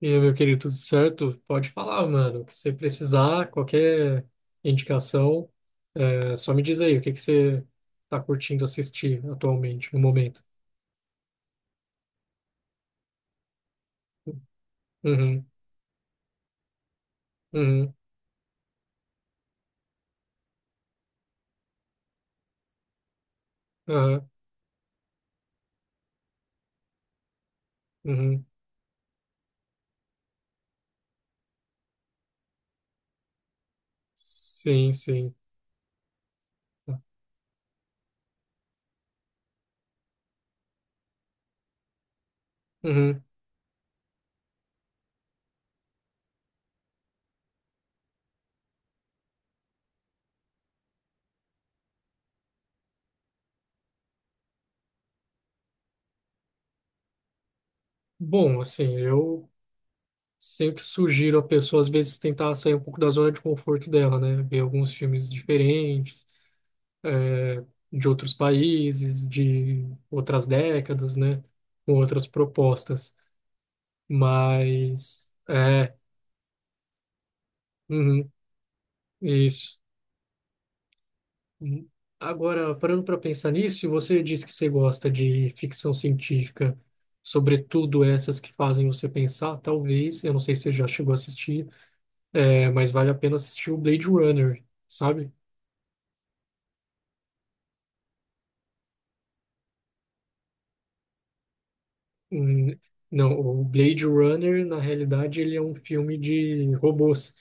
E aí, meu querido, tudo certo? Pode falar, mano. Se precisar, qualquer indicação, só me diz aí o que que você tá curtindo assistir atualmente, no momento. Uhum, uhum, aham, uhum. Sim, sim. Uhum. Bom, assim, eu sempre sugiro a pessoa, às vezes, tentar sair um pouco da zona de conforto dela, né? Ver alguns filmes diferentes, é, de outros países, de outras décadas, né? Com outras propostas. Mas é, uhum, isso. Hum, agora, parando para pensar nisso, você disse que você gosta de ficção científica, sobretudo essas que fazem você pensar, talvez, eu não sei se você já chegou a assistir, mas vale a pena assistir o Blade Runner, sabe? Hum, Não, o Blade Runner, na realidade, ele é um filme de robôs,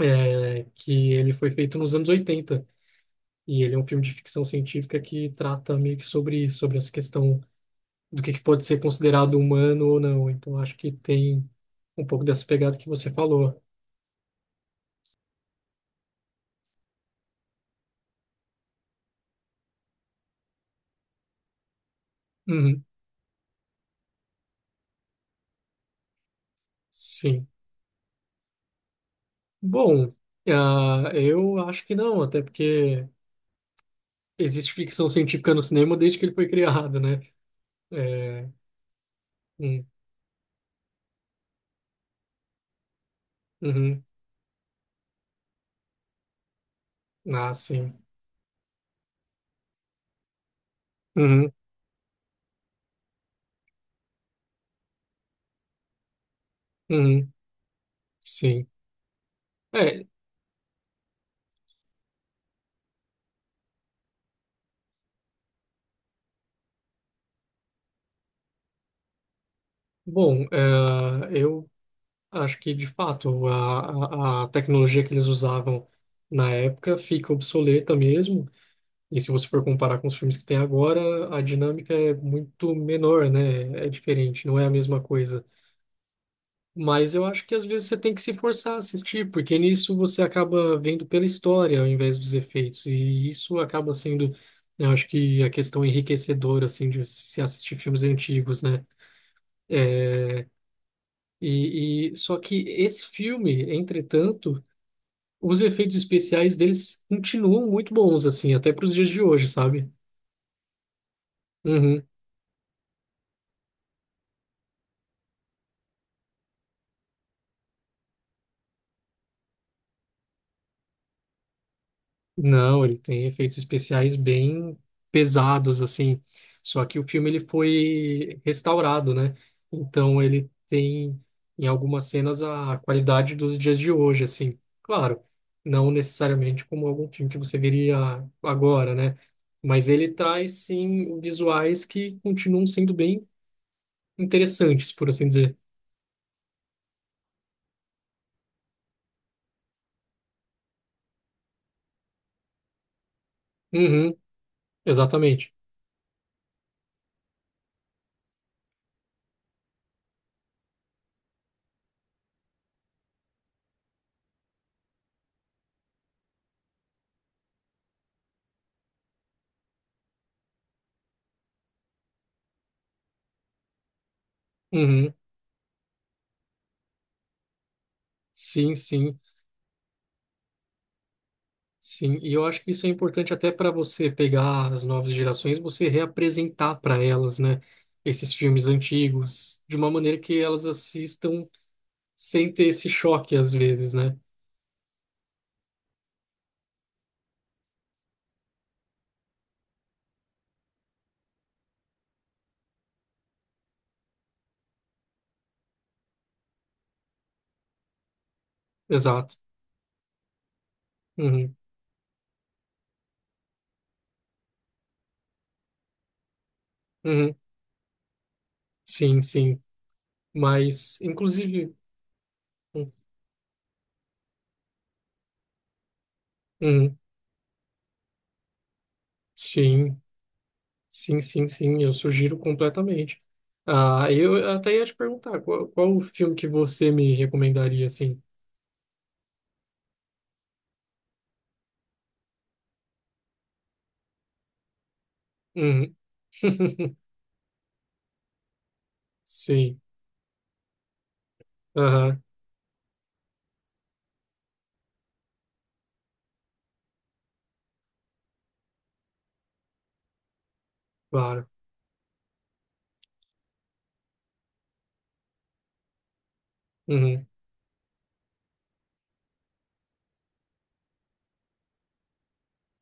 que ele foi feito nos anos 80 e ele é um filme de ficção científica que trata meio que sobre, sobre essa questão do que pode ser considerado humano ou não. Então, acho que tem um pouco dessa pegada que você falou. Uhum, sim. Bom, ah, eu acho que não, até porque existe ficção científica no cinema desde que ele foi criado, né? É, hum, uhum, ah, sim. Uhum, uhum, sim. É, bom, ah, eu acho que, de fato, a tecnologia que eles usavam na época fica obsoleta mesmo. E se você for comparar com os filmes que tem agora, a dinâmica é muito menor, né? É diferente, não é a mesma coisa. Mas eu acho que às vezes você tem que se forçar a assistir, porque nisso você acaba vendo pela história ao invés dos efeitos. E isso acaba sendo, eu acho que a questão enriquecedora, assim, de se assistir filmes antigos, né? É, e só que esse filme, entretanto, os efeitos especiais deles continuam muito bons, assim, até para os dias de hoje, sabe? Uhum. Não, ele tem efeitos especiais bem pesados, assim. Só que o filme ele foi restaurado, né? Então ele tem, em algumas cenas, a qualidade dos dias de hoje, assim. Claro, não necessariamente como algum filme que você veria agora, né? Mas ele traz, sim, visuais que continuam sendo bem interessantes, por assim dizer. Uhum, exatamente. Uhum, sim, sim. Sim, e eu acho que isso é importante até para você pegar as novas gerações, você reapresentar para elas, né, esses filmes antigos, de uma maneira que elas assistam sem ter esse choque às vezes, né? Exato. Uhum, uhum, sim, sim. Mas, inclusive, uhum, uhum, sim, sim, sim, sim, eu sugiro completamente. Ah, eu até ia te perguntar, qual o filme que você me recomendaria, assim? Uhum, sim, aham, claro. Uhum.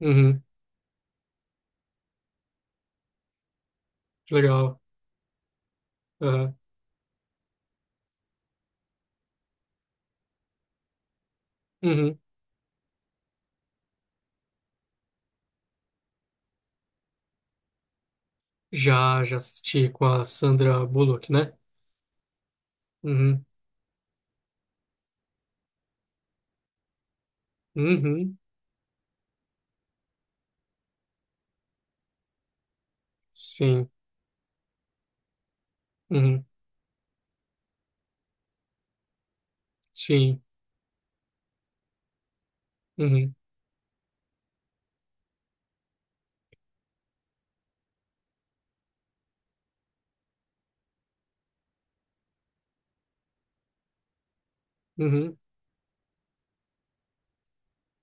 Uhum, legal. Aham, uhum. Já assisti com a Sandra Bullock, né? Uhum, uhum, sim, uhum, sim, uhum, uhum,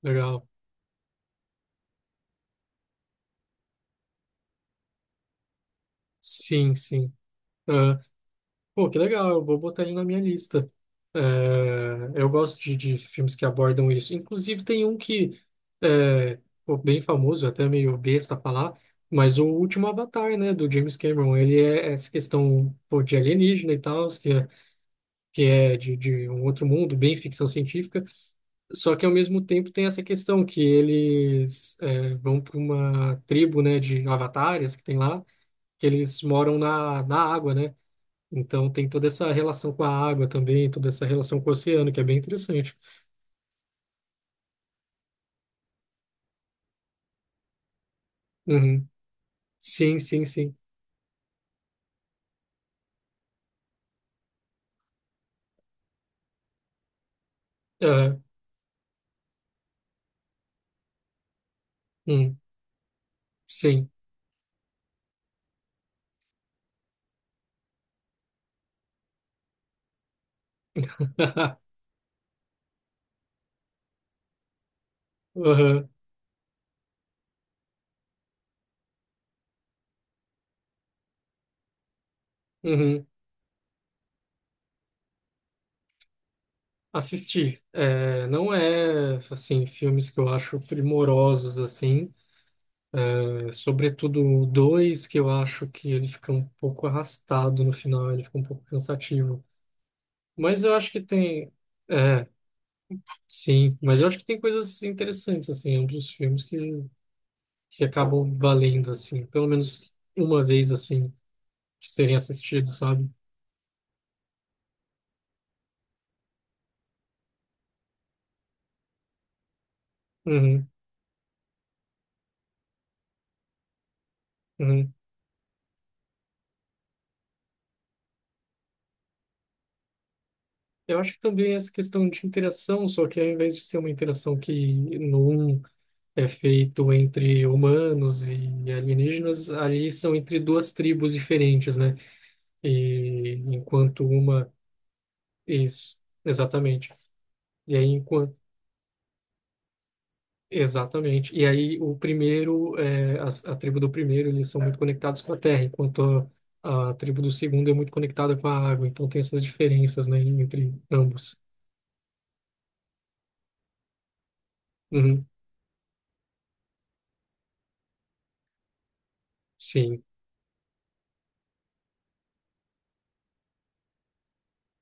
legal. Sim, sim. Ah, pô, que legal, eu vou botar ele na minha lista. É, eu gosto de filmes que abordam isso. Inclusive, tem um que é, pô, bem famoso, até meio besta falar, mas o último Avatar, né, do James Cameron, ele é essa questão, pô, de alienígena e tal, que é de um outro mundo, bem ficção científica, só que ao mesmo tempo tem essa questão que eles vão para uma tribo, né, de avatares que tem lá, que eles moram na água, né? Então tem toda essa relação com a água também, toda essa relação com o oceano, que é bem interessante. Uhum. Sim, sim, sim. Aham. Hum. Sim. Aham. Uhum. Assistir. É, não é, assim, filmes que eu acho primorosos, assim. É, sobretudo o 2, que eu acho que ele fica um pouco arrastado no final, ele fica um pouco cansativo. Mas eu acho que tem. É, sim, mas eu acho que tem coisas interessantes, assim, ambos os filmes que acabam valendo, assim, pelo menos uma vez, assim, de serem assistidos, sabe? Uhum, uhum. Eu acho que também essa questão de interação, só que ao invés de ser uma interação que no um é feito entre humanos e alienígenas, ali são entre duas tribos diferentes, né? E enquanto uma. Isso, exatamente. E aí, enquanto. Exatamente. E aí, o primeiro, a tribo do primeiro, eles são muito conectados com a terra, enquanto a tribo do segundo é muito conectada com a água. Então, tem essas diferenças, né, entre ambos. Uhum, sim,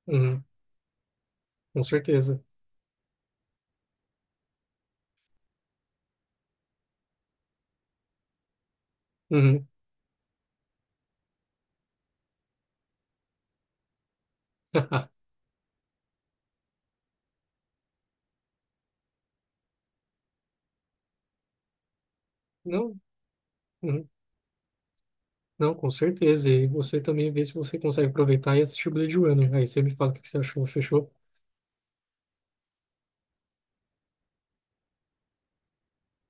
uhum, com certeza. Uhum. Não, uhum, não, com certeza. E você também vê se você consegue aproveitar e assistir Blade Runner. Aí você me fala o que que você achou, fechou?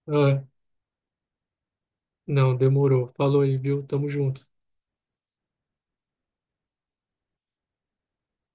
Ah, não, demorou. Falou aí, viu? Tamo junto.